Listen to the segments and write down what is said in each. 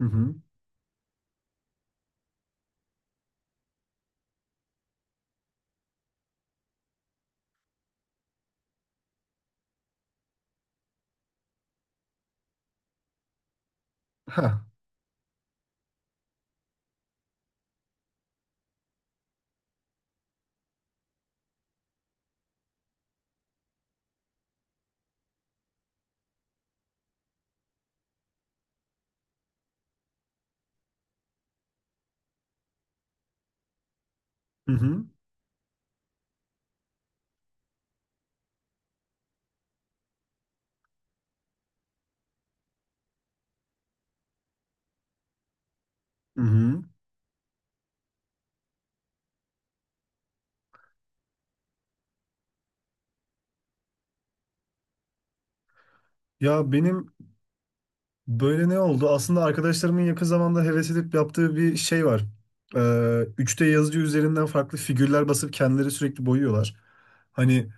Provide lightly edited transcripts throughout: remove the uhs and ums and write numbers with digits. Hı hı. Ha. Hı hı. Hı hı. Ya benim böyle ne oldu? Aslında arkadaşlarımın yakın zamanda heves edip yaptığı bir şey var. 3D yazıcı üzerinden farklı figürler basıp kendileri sürekli boyuyorlar. Hani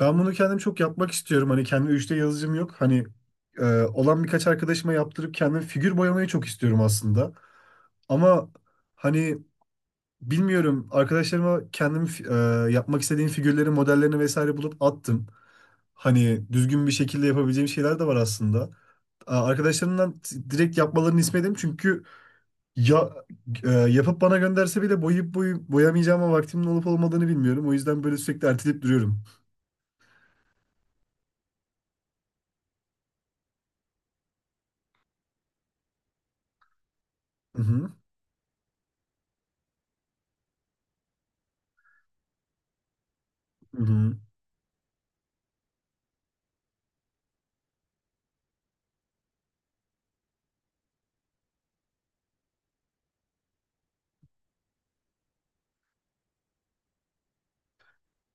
ben bunu kendim çok yapmak istiyorum. Hani kendi 3D yazıcım yok. Hani olan birkaç arkadaşıma yaptırıp kendim figür boyamayı çok istiyorum aslında. Ama hani, bilmiyorum. Arkadaşlarıma kendim yapmak istediğim figürlerin modellerini vesaire bulup attım. Hani düzgün bir şekilde yapabileceğim şeyler de var aslında. Arkadaşlarımdan direkt yapmalarını istemedim çünkü ya yapıp bana gönderse bile boyayıp boyamayacağıma vaktimin olup olmadığını bilmiyorum. O yüzden böyle sürekli erteleyip duruyorum. Hı hı. Hı hı.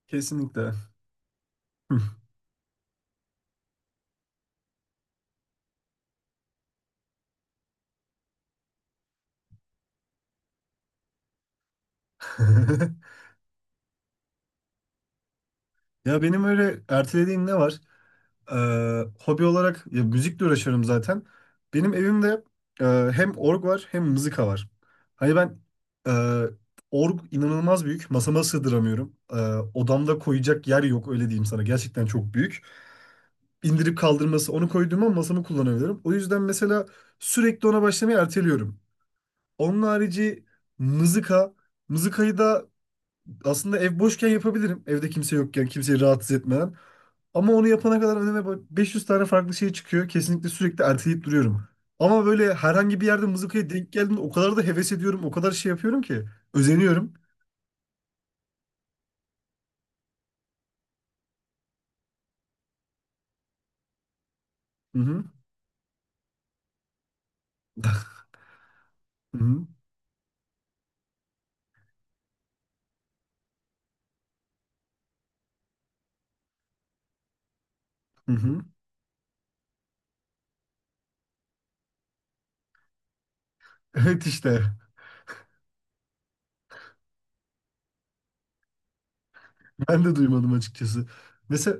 Kesinlikle. Ya benim öyle ertelediğim ne var? Hobi olarak ya, müzikle uğraşıyorum zaten. Benim evimde e, hem org var hem mızıka var. Hani e, org inanılmaz büyük. Masama sığdıramıyorum. Odamda koyacak yer yok, öyle diyeyim sana. Gerçekten çok büyük. İndirip kaldırması onu koyduğuma masamı kullanabilirim. O yüzden mesela sürekli ona başlamayı erteliyorum. Onun harici mızıka. Mızıkayı da aslında ev boşken yapabilirim. Evde kimse yokken, kimseyi rahatsız etmeden. Ama onu yapana kadar önüme 500 tane farklı şey çıkıyor. Kesinlikle sürekli erteleyip duruyorum. Ama böyle herhangi bir yerde mızıkaya denk geldiğimde o kadar da heves ediyorum, o kadar şey yapıyorum ki. Özeniyorum. Hı hı. Hı hı. Hı hı. Evet işte. Ben de duymadım açıkçası. Mesela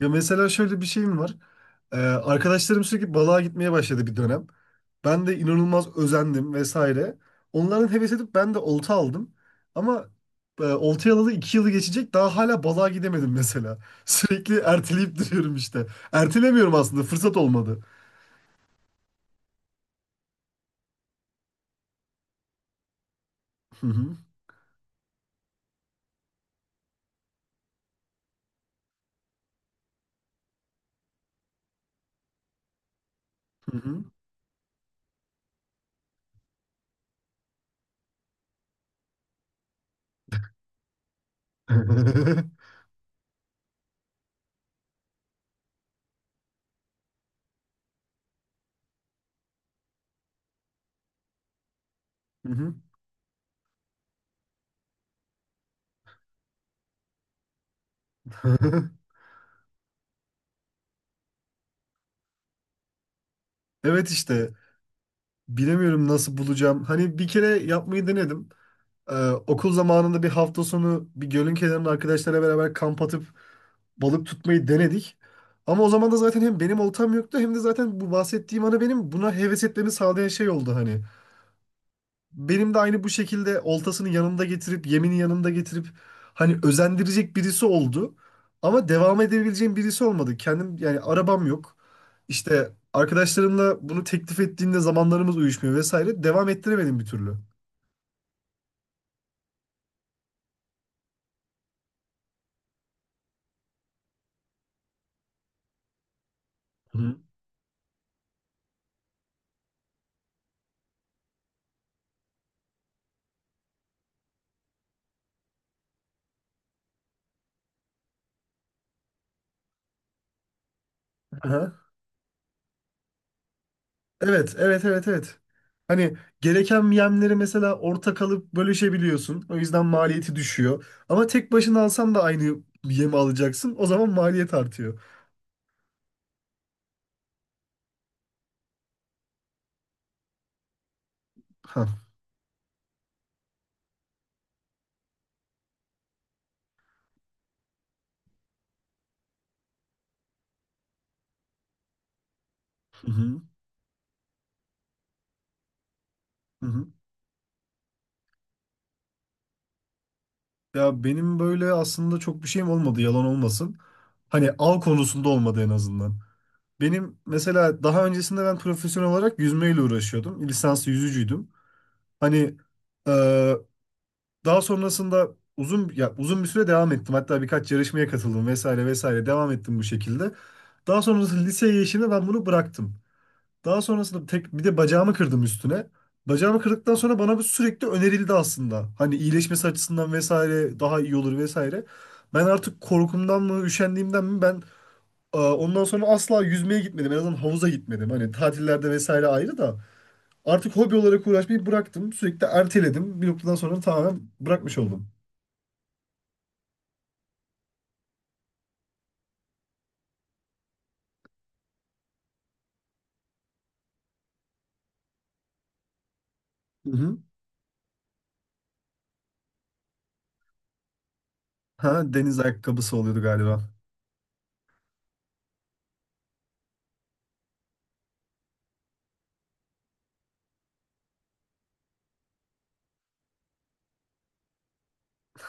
Ya mesela şöyle bir şeyim var. Arkadaşlarım sürekli balığa gitmeye başladı bir dönem. Ben de inanılmaz özendim vesaire. Onların heves edip ben de olta aldım. Ama oltayı alalı 2 yılı geçecek daha hala balığa gidemedim mesela. Sürekli erteleyip duruyorum işte. Ertelemiyorum aslında, fırsat olmadı. Hı hı. Hı hı. Hı hı. Evet işte, bilemiyorum nasıl bulacağım. Hani bir kere yapmayı denedim. Ee, Okul zamanında bir hafta sonu bir gölün kenarında arkadaşlara beraber kamp atıp balık tutmayı denedik. Ama o zaman da zaten hem benim oltam yoktu hem de zaten bu bahsettiğim ana benim buna heves etmemi sağlayan şey oldu hani. Benim de aynı bu şekilde oltasını yanında getirip yemini yanında getirip hani özendirecek birisi oldu. Ama devam edebileceğim birisi olmadı. Kendim yani, arabam yok. İşte arkadaşlarımla bunu teklif ettiğinde zamanlarımız uyuşmuyor vesaire. Devam ettiremedim bir türlü. Hı. Evet, evet, evet, evet. Hani gereken yemleri mesela ortak alıp bölüşebiliyorsun. O yüzden maliyeti düşüyor. Ama tek başına alsan da aynı yemi alacaksın. O zaman maliyet artıyor. Ha. Hı hı. Hı hı. Ya benim böyle aslında çok bir şeyim olmadı, yalan olmasın. Hani av konusunda olmadı en azından. Benim mesela daha öncesinde ben profesyonel olarak yüzmeyle uğraşıyordum. Lisanslı yüzücüydüm. Hani daha sonrasında uzun ya uzun bir süre devam ettim. Hatta birkaç yarışmaya katıldım vesaire vesaire, devam ettim bu şekilde. Daha sonrasında liseye geçtiğimde ben bunu bıraktım. Daha sonrasında tek bir de bacağımı kırdım üstüne. Bacağımı kırdıktan sonra bana bu sürekli önerildi aslında. Hani iyileşmesi açısından vesaire daha iyi olur vesaire. Ben artık korkumdan mı, üşendiğimden mi, ondan sonra asla yüzmeye gitmedim. En azından havuza gitmedim. Hani tatillerde vesaire ayrı da artık hobi olarak uğraşmayı bıraktım. Sürekli erteledim. Bir noktadan sonra tamamen bırakmış oldum. Hı hı. Ha, deniz ayakkabısı oluyordu galiba.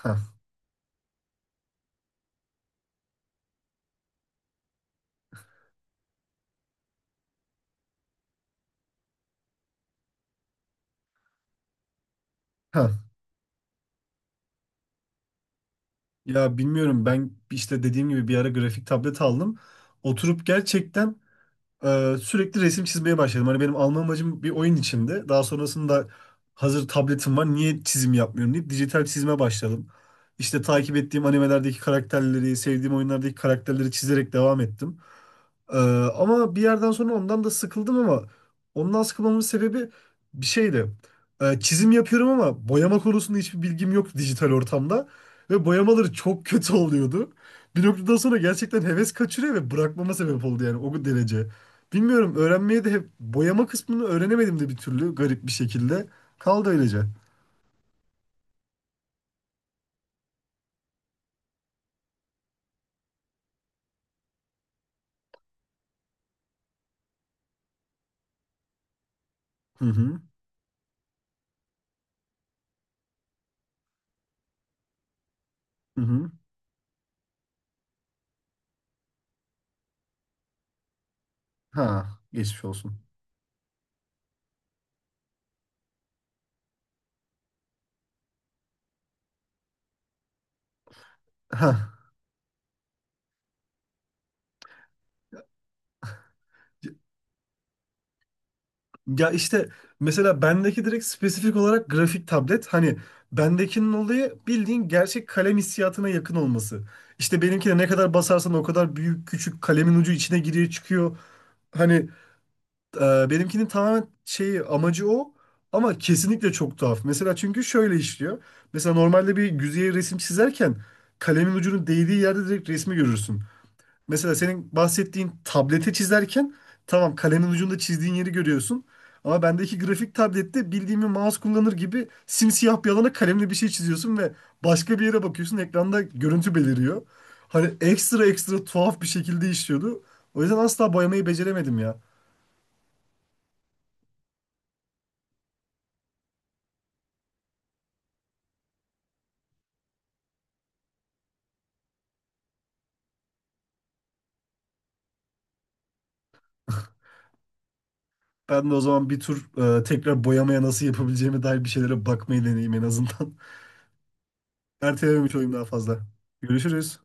Ha, ha. Ya bilmiyorum, ben işte dediğim gibi bir ara grafik tablet aldım. Oturup gerçekten sürekli resim çizmeye başladım. Hani benim alma amacım bir oyun içinde. Daha sonrasında hazır tabletim var, niye çizim yapmıyorum deyip dijital çizime başladım. İşte takip ettiğim animelerdeki karakterleri, sevdiğim oyunlardaki karakterleri çizerek devam ettim. Ee, Ama bir yerden sonra ondan da sıkıldım, ama ondan sıkılmamın sebebi bir şeydi. Çizim yapıyorum ama boyama konusunda hiçbir bilgim yok dijital ortamda. Ve boyamaları çok kötü oluyordu. Bir noktadan sonra gerçekten heves kaçırıyor ve bırakmama sebep oldu yani, o derece. Bilmiyorum, öğrenmeye de hep boyama kısmını öğrenemedim de bir türlü, garip bir şekilde. Kaldı öylece. Hı hı. Hı hı. Ha, geçmiş olsun. Ha. Ya işte mesela bendeki direkt spesifik olarak grafik tablet. Hani bendekinin olayı bildiğin gerçek kalem hissiyatına yakın olması. İşte benimkine ne kadar basarsan o kadar büyük küçük kalemin ucu içine giriyor çıkıyor. Hani benimkinin tamamen şeyi amacı o, ama kesinlikle çok tuhaf. Mesela çünkü şöyle işliyor. Mesela normalde bir yüzeye resim çizerken kalemin ucunun değdiği yerde direkt resmi görürsün. Mesela senin bahsettiğin tablete çizerken tamam, kalemin ucunda çizdiğin yeri görüyorsun. Ama bendeki grafik tablette bildiğim bir mouse kullanır gibi simsiyah bir alana kalemle bir şey çiziyorsun ve başka bir yere bakıyorsun, ekranda görüntü beliriyor. Hani ekstra ekstra tuhaf bir şekilde işliyordu. O yüzden asla boyamayı beceremedim ya. Ben de o zaman bir tur tekrar boyamaya nasıl yapabileceğime dair bir şeylere bakmayı deneyeyim en azından. Ertelememiş olayım daha fazla. Görüşürüz.